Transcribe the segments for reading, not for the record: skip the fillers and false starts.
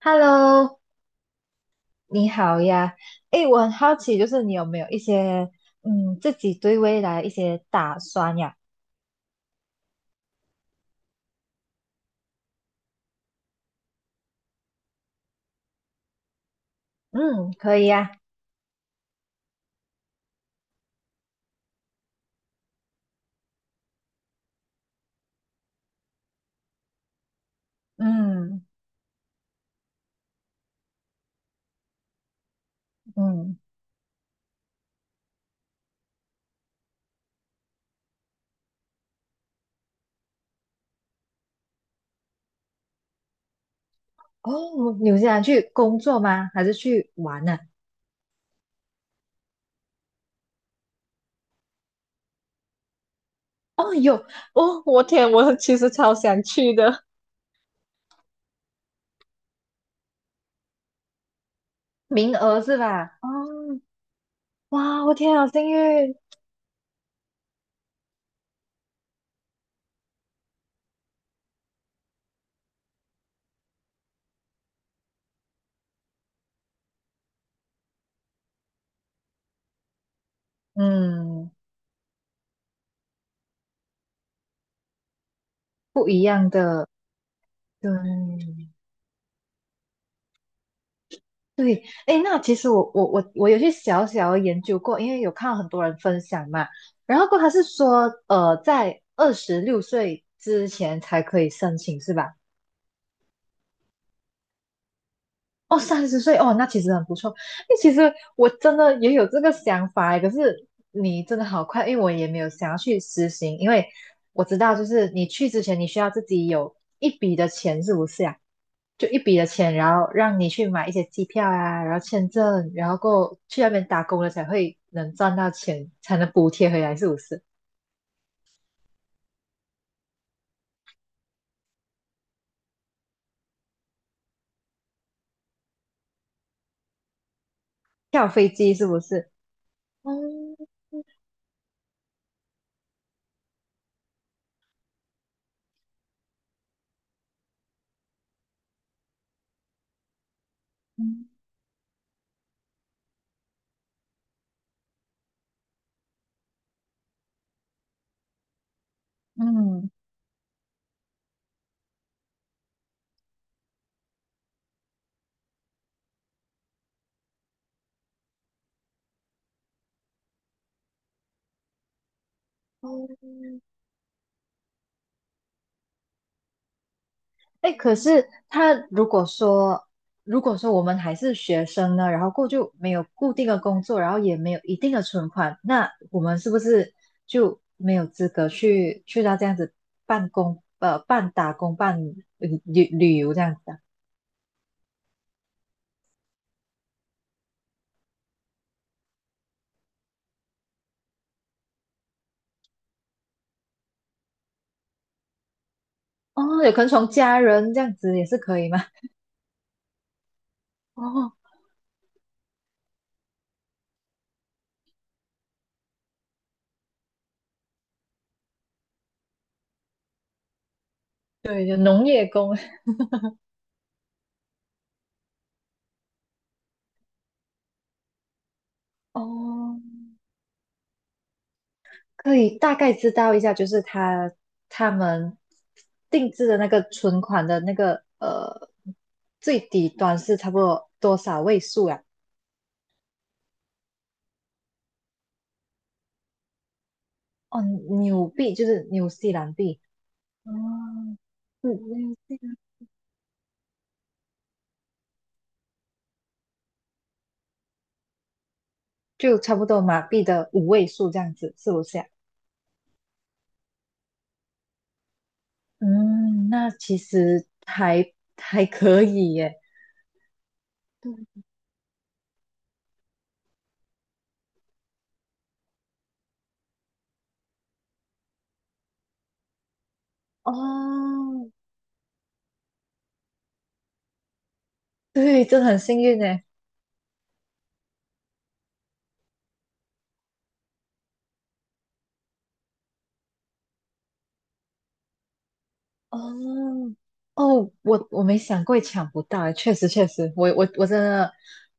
Hello，你好呀。诶，我很好奇，就是你有没有一些自己对未来一些打算呀？嗯，可以呀。嗯嗯，哦，纽西想去工作吗？还是去玩呢、哦，有哦，我天，我其实超想去的，名额是吧？哦，哇，我天啊，好幸运。嗯，对，对，哎，那其实我有去小小研究过，因为有看到很多人分享嘛，然后过他是说，在26岁之前才可以申请，是吧？哦，30岁，哦，那其实很不错。哎，其实我真的也有这个想法诶，可是你真的好快，因为我也没有想要去实行，因为我知道就是你去之前你需要自己有一笔的钱，是不是呀？就一笔的钱，然后让你去买一些机票啊，然后签证，然后过去那边打工了才会能赚到钱，才能补贴回来，是不是？跳飞机是不是？嗯嗯嗯，哎，可是他如果说，我们还是学生呢，然后过就没有固定的工作，然后也没有一定的存款，那我们是不是就没有资格去到这样子半打工半旅游这样子啊？哦，有可能从家人这样子也是可以吗？哦，对，有农业工，哦，可以大概知道一下，就是他们定制的那个存款的那个最底端是差不多多少位数啊？哦，纽币就是纽西兰币，哦，嗯，纽西兰就差不多马币的五位数这样子，是不是啊？嗯，那其实还可以耶。对，哦，对，真的很幸运诶。哦，哦，我没想过抢不到诶，确实确实，我真的，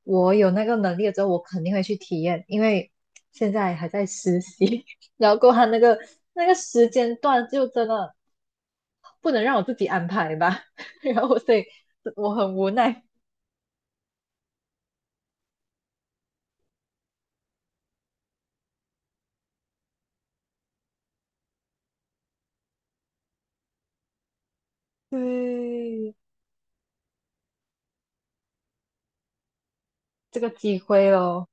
我有那个能力了之后，我肯定会去体验，因为现在还在实习，然后过后他那个时间段就真的不能让我自己安排吧，然后我所以我很无奈，对这个机会咯，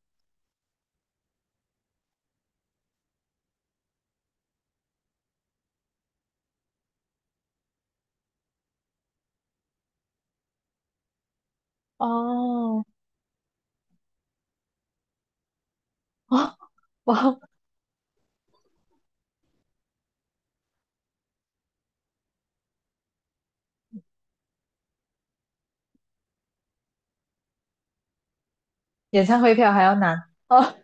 哦，哦，哇，演唱会票还要拿哦，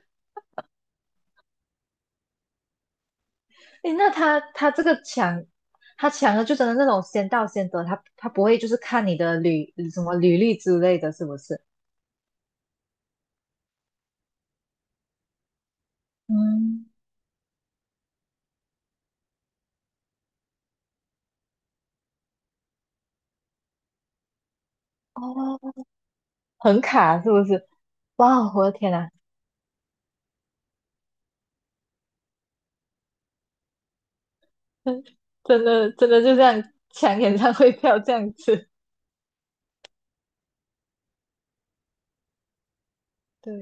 诶，那他这个抢，他抢的就真的那种先到先得，他不会就是看你的履什么履历之类的，是不是？嗯，哦，很卡是不是？哇，我的天呐，真的真的就这样抢演唱会票这样子。对，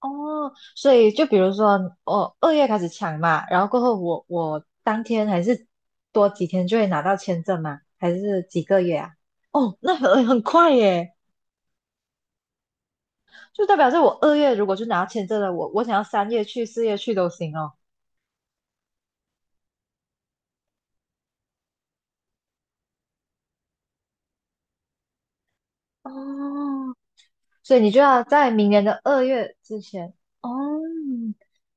哦，所以就比如说我二月开始抢嘛，然后过后我当天还是多几天就会拿到签证嘛，还是几个月啊？哦，那很快耶。就代表是我二月如果就拿签证了，我想要3月去、4月去都行哦。哦，所以你就要在明年的二月之前哦。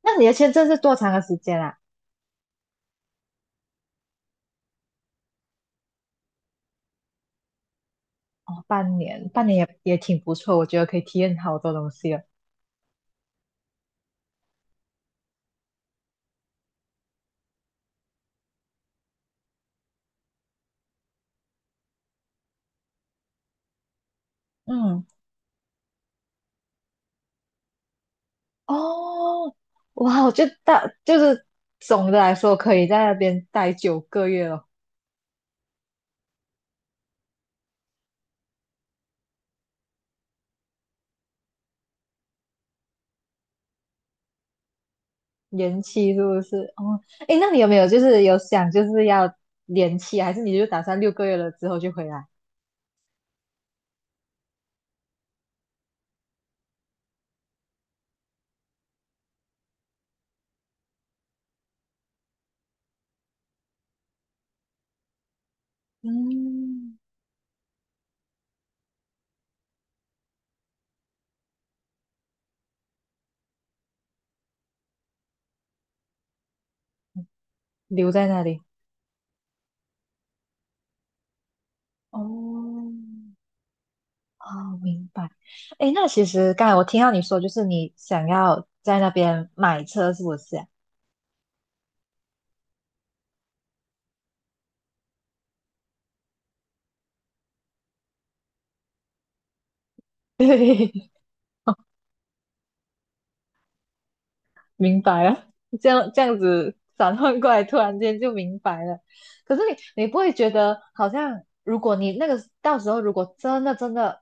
那你的签证是多长的时间啊？哦，半年，半年也挺不错，我觉得可以体验好多东西了。嗯，哦，哇，我就是总的来说可以在那边待9个月了，延期是不是？哦，诶，那你有没有就是有想就是要延期，还是你就打算六个月了之后就回来？嗯，留在那里。哦，哦，明白。诶，那其实刚才我听到你说，就是你想要在那边买车，是不是啊？对，明白了，这样子转换过来，突然间就明白了。可是你不会觉得好像，如果你那个到时候如果真的真的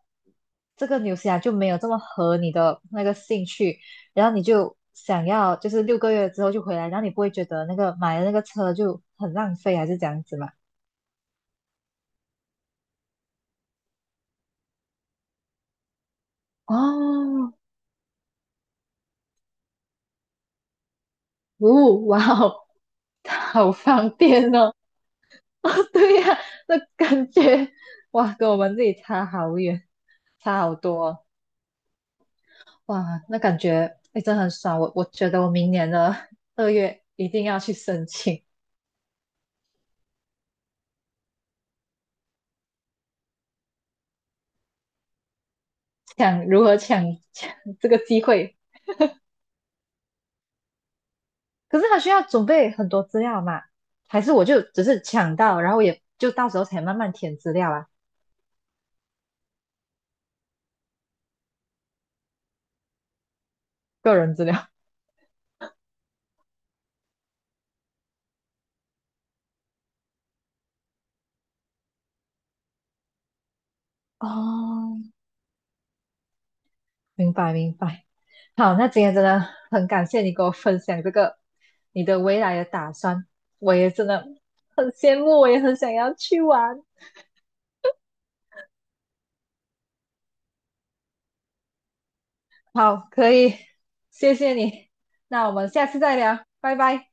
这个纽西兰就没有这么合你的那个兴趣，然后你就想要就是六个月之后就回来，然后你不会觉得那个买的那个车就很浪费，还是这样子嘛？哦，哦，哇哦，好方便哦。哦，对呀、那感觉哇，跟我们这里差好远，差好多哦哇，那感觉哎，真的很爽。我觉得我明年的二月一定要去申请，抢如何抢抢这个机会。可是他需要准备很多资料嘛？还是我就只是抢到，然后也就到时候才慢慢填资料啊，个人资料。哦，明白明白。好，那今天真的很感谢你给我分享这个你的未来的打算，我也真的很羡慕，我也很想要去玩。好，可以，谢谢你，那我们下次再聊，拜拜。